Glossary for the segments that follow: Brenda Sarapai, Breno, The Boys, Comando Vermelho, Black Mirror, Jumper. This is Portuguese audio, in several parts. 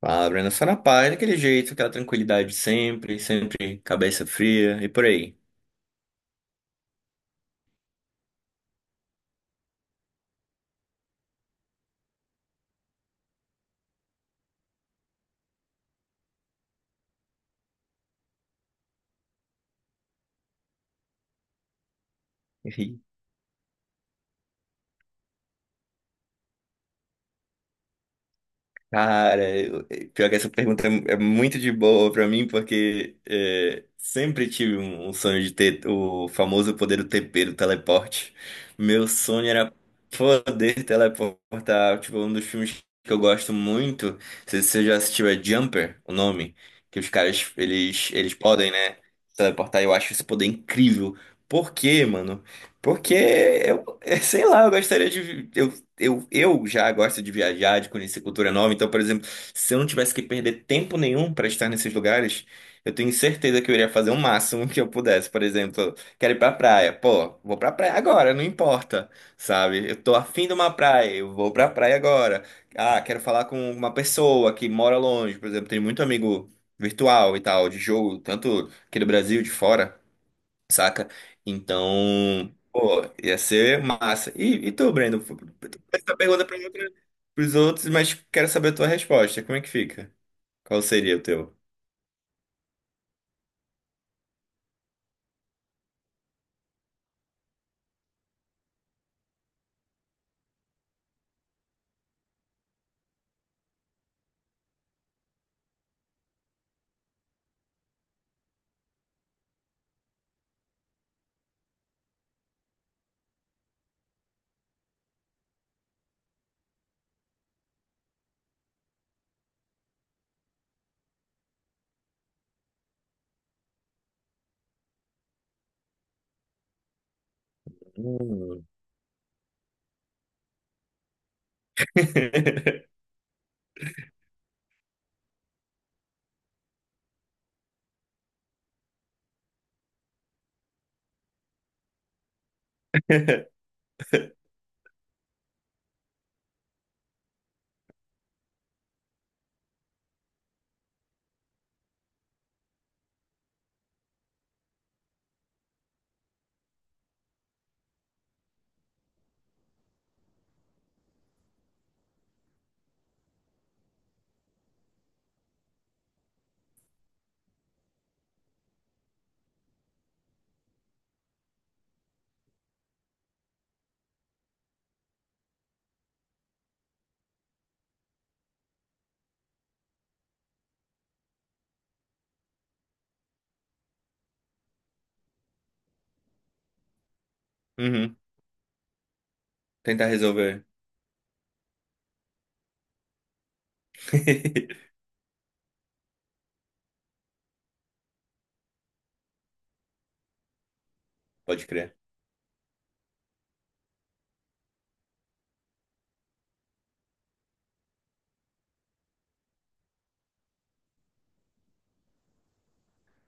A Brenda Sarapai, daquele jeito, aquela tranquilidade sempre, sempre cabeça fria e por aí. Cara, pior que essa pergunta é muito de boa pra mim, porque sempre tive um sonho de ter o famoso poder do TP, do teleporte. Meu sonho era poder teleportar. Tipo, um dos filmes que eu gosto muito, não sei se você já assistiu, é Jumper, o nome, que os caras, eles podem, né, teleportar. Eu acho esse poder incrível. Por quê, mano? Porque eu, sei lá, eu já gosto de viajar, de conhecer cultura nova. Então, por exemplo, se eu não tivesse que perder tempo nenhum para estar nesses lugares, eu tenho certeza que eu iria fazer o máximo que eu pudesse. Por exemplo, quero ir pra praia. Pô, vou pra praia agora, não importa, sabe? Eu tô afim de uma praia, eu vou pra praia agora. Ah, quero falar com uma pessoa que mora longe. Por exemplo, tenho muito amigo virtual e tal, de jogo, tanto aqui do Brasil, de fora, saca? Então, pô, ia ser massa. E tu, Breno? Essa pergunta pra mim, pros outros, mas quero saber a tua resposta. Como é que fica? Qual seria o teu? Hum. Uhum, tentar resolver. Pode crer.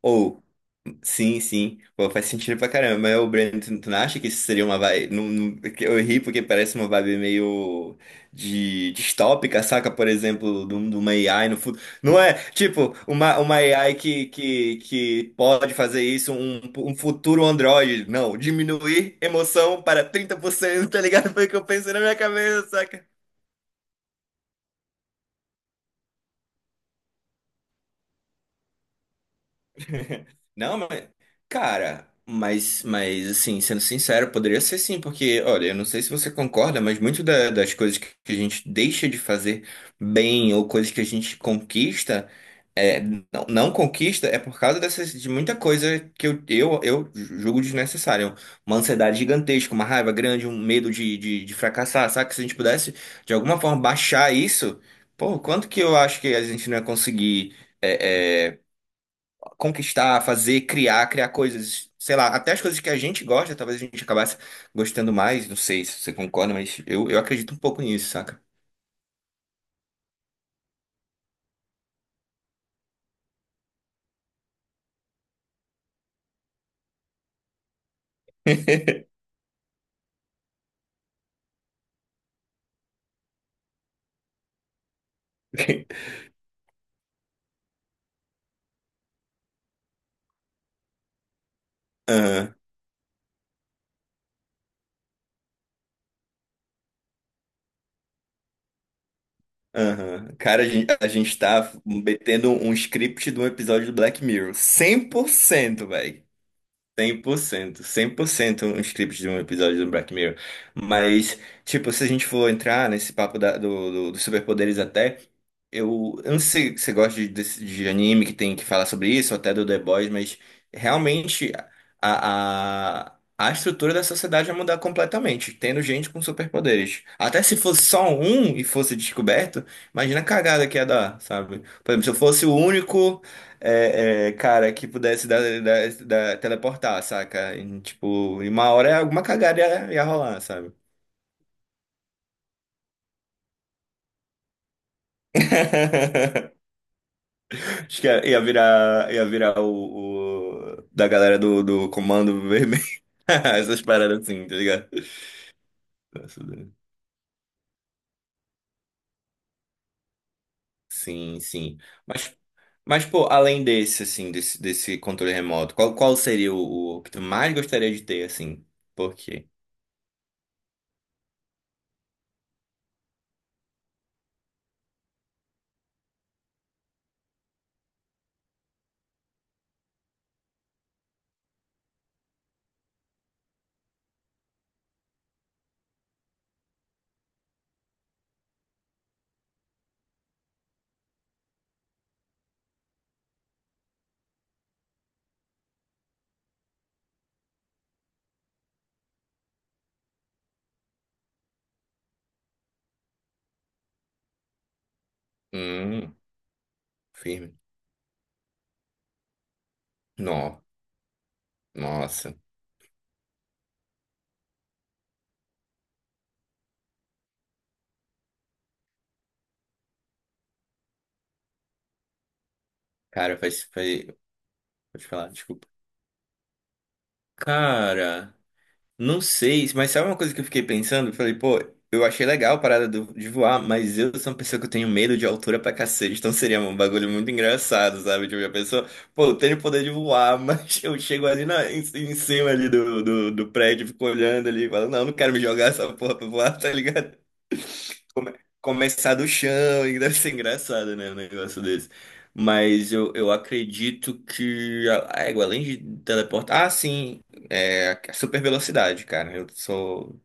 Ou. Sim, sim. Pô, faz sentido pra caramba. Mas o Breno, tu não acha que isso seria uma vibe. Não, que eu ri porque parece uma vibe meio de distópica, saca? Por exemplo, de uma AI no futuro. Não é, tipo, uma AI que pode fazer isso, um futuro Android. Não, diminuir emoção para 30%, tá ligado? Foi o que eu pensei na minha cabeça. Não, mas. Cara, mas assim, sendo sincero, poderia ser sim, porque, olha, eu não sei se você concorda, mas muito das coisas que a gente deixa de fazer bem ou coisas que a gente conquista, é, não, não conquista, é por causa dessas, de muita coisa que eu julgo desnecessária. Uma ansiedade gigantesca, uma raiva grande, um medo de fracassar, sabe? Se a gente pudesse, de alguma forma, baixar isso, pô, quanto que eu acho que a gente não ia conseguir é, é, conquistar, fazer, criar coisas, sei lá, até as coisas que a gente gosta, talvez a gente acabasse gostando mais, não sei se você concorda, mas eu acredito um pouco nisso, saca? Aham, aham. Cara, a gente tá metendo um script de um episódio do Black Mirror. 100%, velho. Cem por cento, 100% um script de um episódio do Black Mirror. Mas, tipo, se a gente for entrar nesse papo dos superpoderes até, eu não sei se você gosta de anime que tem que falar sobre isso, ou até do The Boys, mas realmente a, a, a estrutura da sociedade vai mudar completamente, tendo gente com superpoderes. Até se fosse só um e fosse descoberto, imagina a cagada que ia dar, sabe? Por exemplo, se eu fosse o único. Cara, que pudesse teleportar, saca? E, tipo, em uma hora alguma cagada ia rolar, sabe? Acho que ia virar da galera do Comando Vermelho. Essas paradas assim, tá ligado? Nossa, Deus. Sim, sim. Mas, mas, pô, além desse, assim, desse controle remoto, qual seria o que tu mais gostaria de ter, assim? Por quê? Hum, firme. Nó, nossa. Cara, faz, faz. Pode falar, desculpa. Cara. Não sei, mas sabe uma coisa que eu fiquei pensando? Eu falei, pô, eu achei legal a parada de voar, mas eu sou uma pessoa que eu tenho medo de altura pra cacete, então seria um bagulho muito engraçado, sabe? Tipo, a pessoa, pô, eu tenho o poder de voar, mas eu chego ali em cima ali do prédio, fico olhando ali, falo, não, não quero me jogar essa porra pra voar, tá ligado? Come- Começar do chão, e deve ser engraçado, né, um negócio desse. Mas eu acredito que a égua, além de teleportar. Ah, sim. É, super velocidade, cara. Eu sou.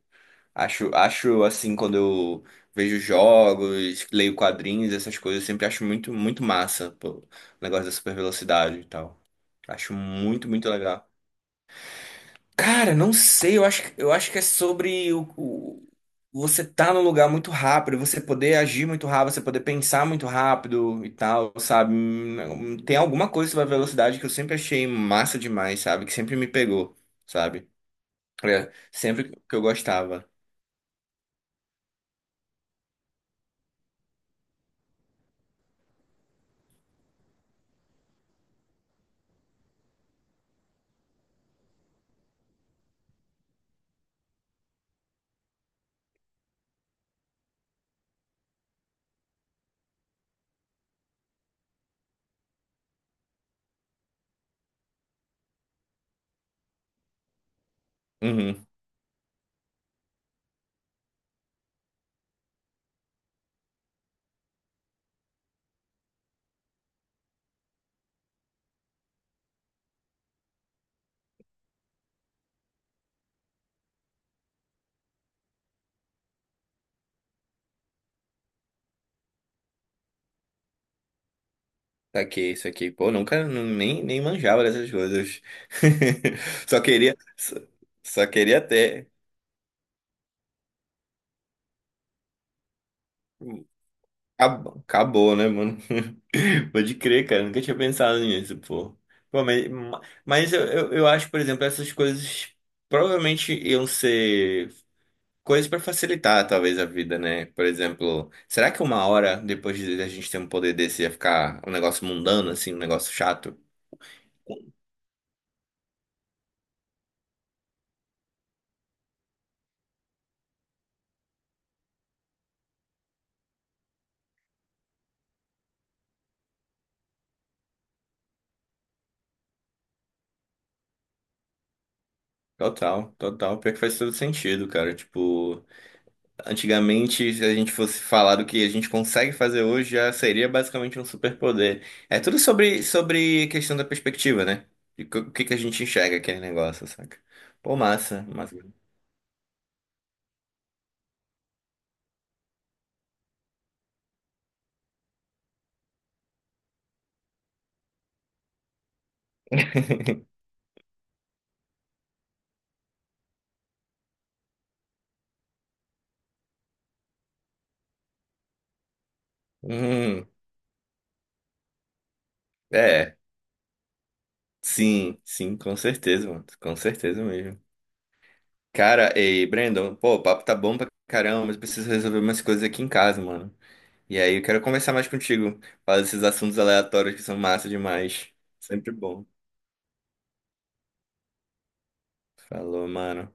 Acho assim, quando eu vejo jogos, leio quadrinhos, essas coisas, eu sempre acho muito, muito massa, pô, o negócio da super velocidade e tal. Acho muito, muito legal. Cara, não sei, eu acho que é sobre você tá num lugar muito rápido, você poder agir muito rápido, você poder pensar muito rápido e tal, sabe? Tem alguma coisa sobre a velocidade que eu sempre achei massa demais, sabe? Que sempre me pegou, sabe? É, sempre que eu gostava. Uhum. Saquei isso aqui. Pô, nunca nem, nem manjava dessas coisas. Só queria. Só queria ter. Acabou, né, mano? Pode crer, cara. Nunca tinha pensado nisso, pô. Pô, mas mas eu acho, por exemplo, essas coisas provavelmente iam ser coisas pra facilitar, talvez, a vida, né? Por exemplo, será que uma hora depois de a gente ter um poder desse ia ficar um negócio mundano, assim, um negócio chato? Total, total. Pior que faz todo sentido, cara. Tipo, antigamente, se a gente fosse falar do que a gente consegue fazer hoje, já seria basicamente um superpoder. É tudo sobre questão da perspectiva, né? E o que que a gente enxerga aquele negócio, saca? Pô, massa, massa. Hum, é, sim, sim, com certeza, mano. Com certeza mesmo. Cara, ei, Brandon, pô, o papo tá bom pra caramba, mas eu preciso resolver umas coisas aqui em casa, mano. E aí, eu quero conversar mais contigo. Falar desses assuntos aleatórios que são massa demais. Sempre bom. Falou, mano.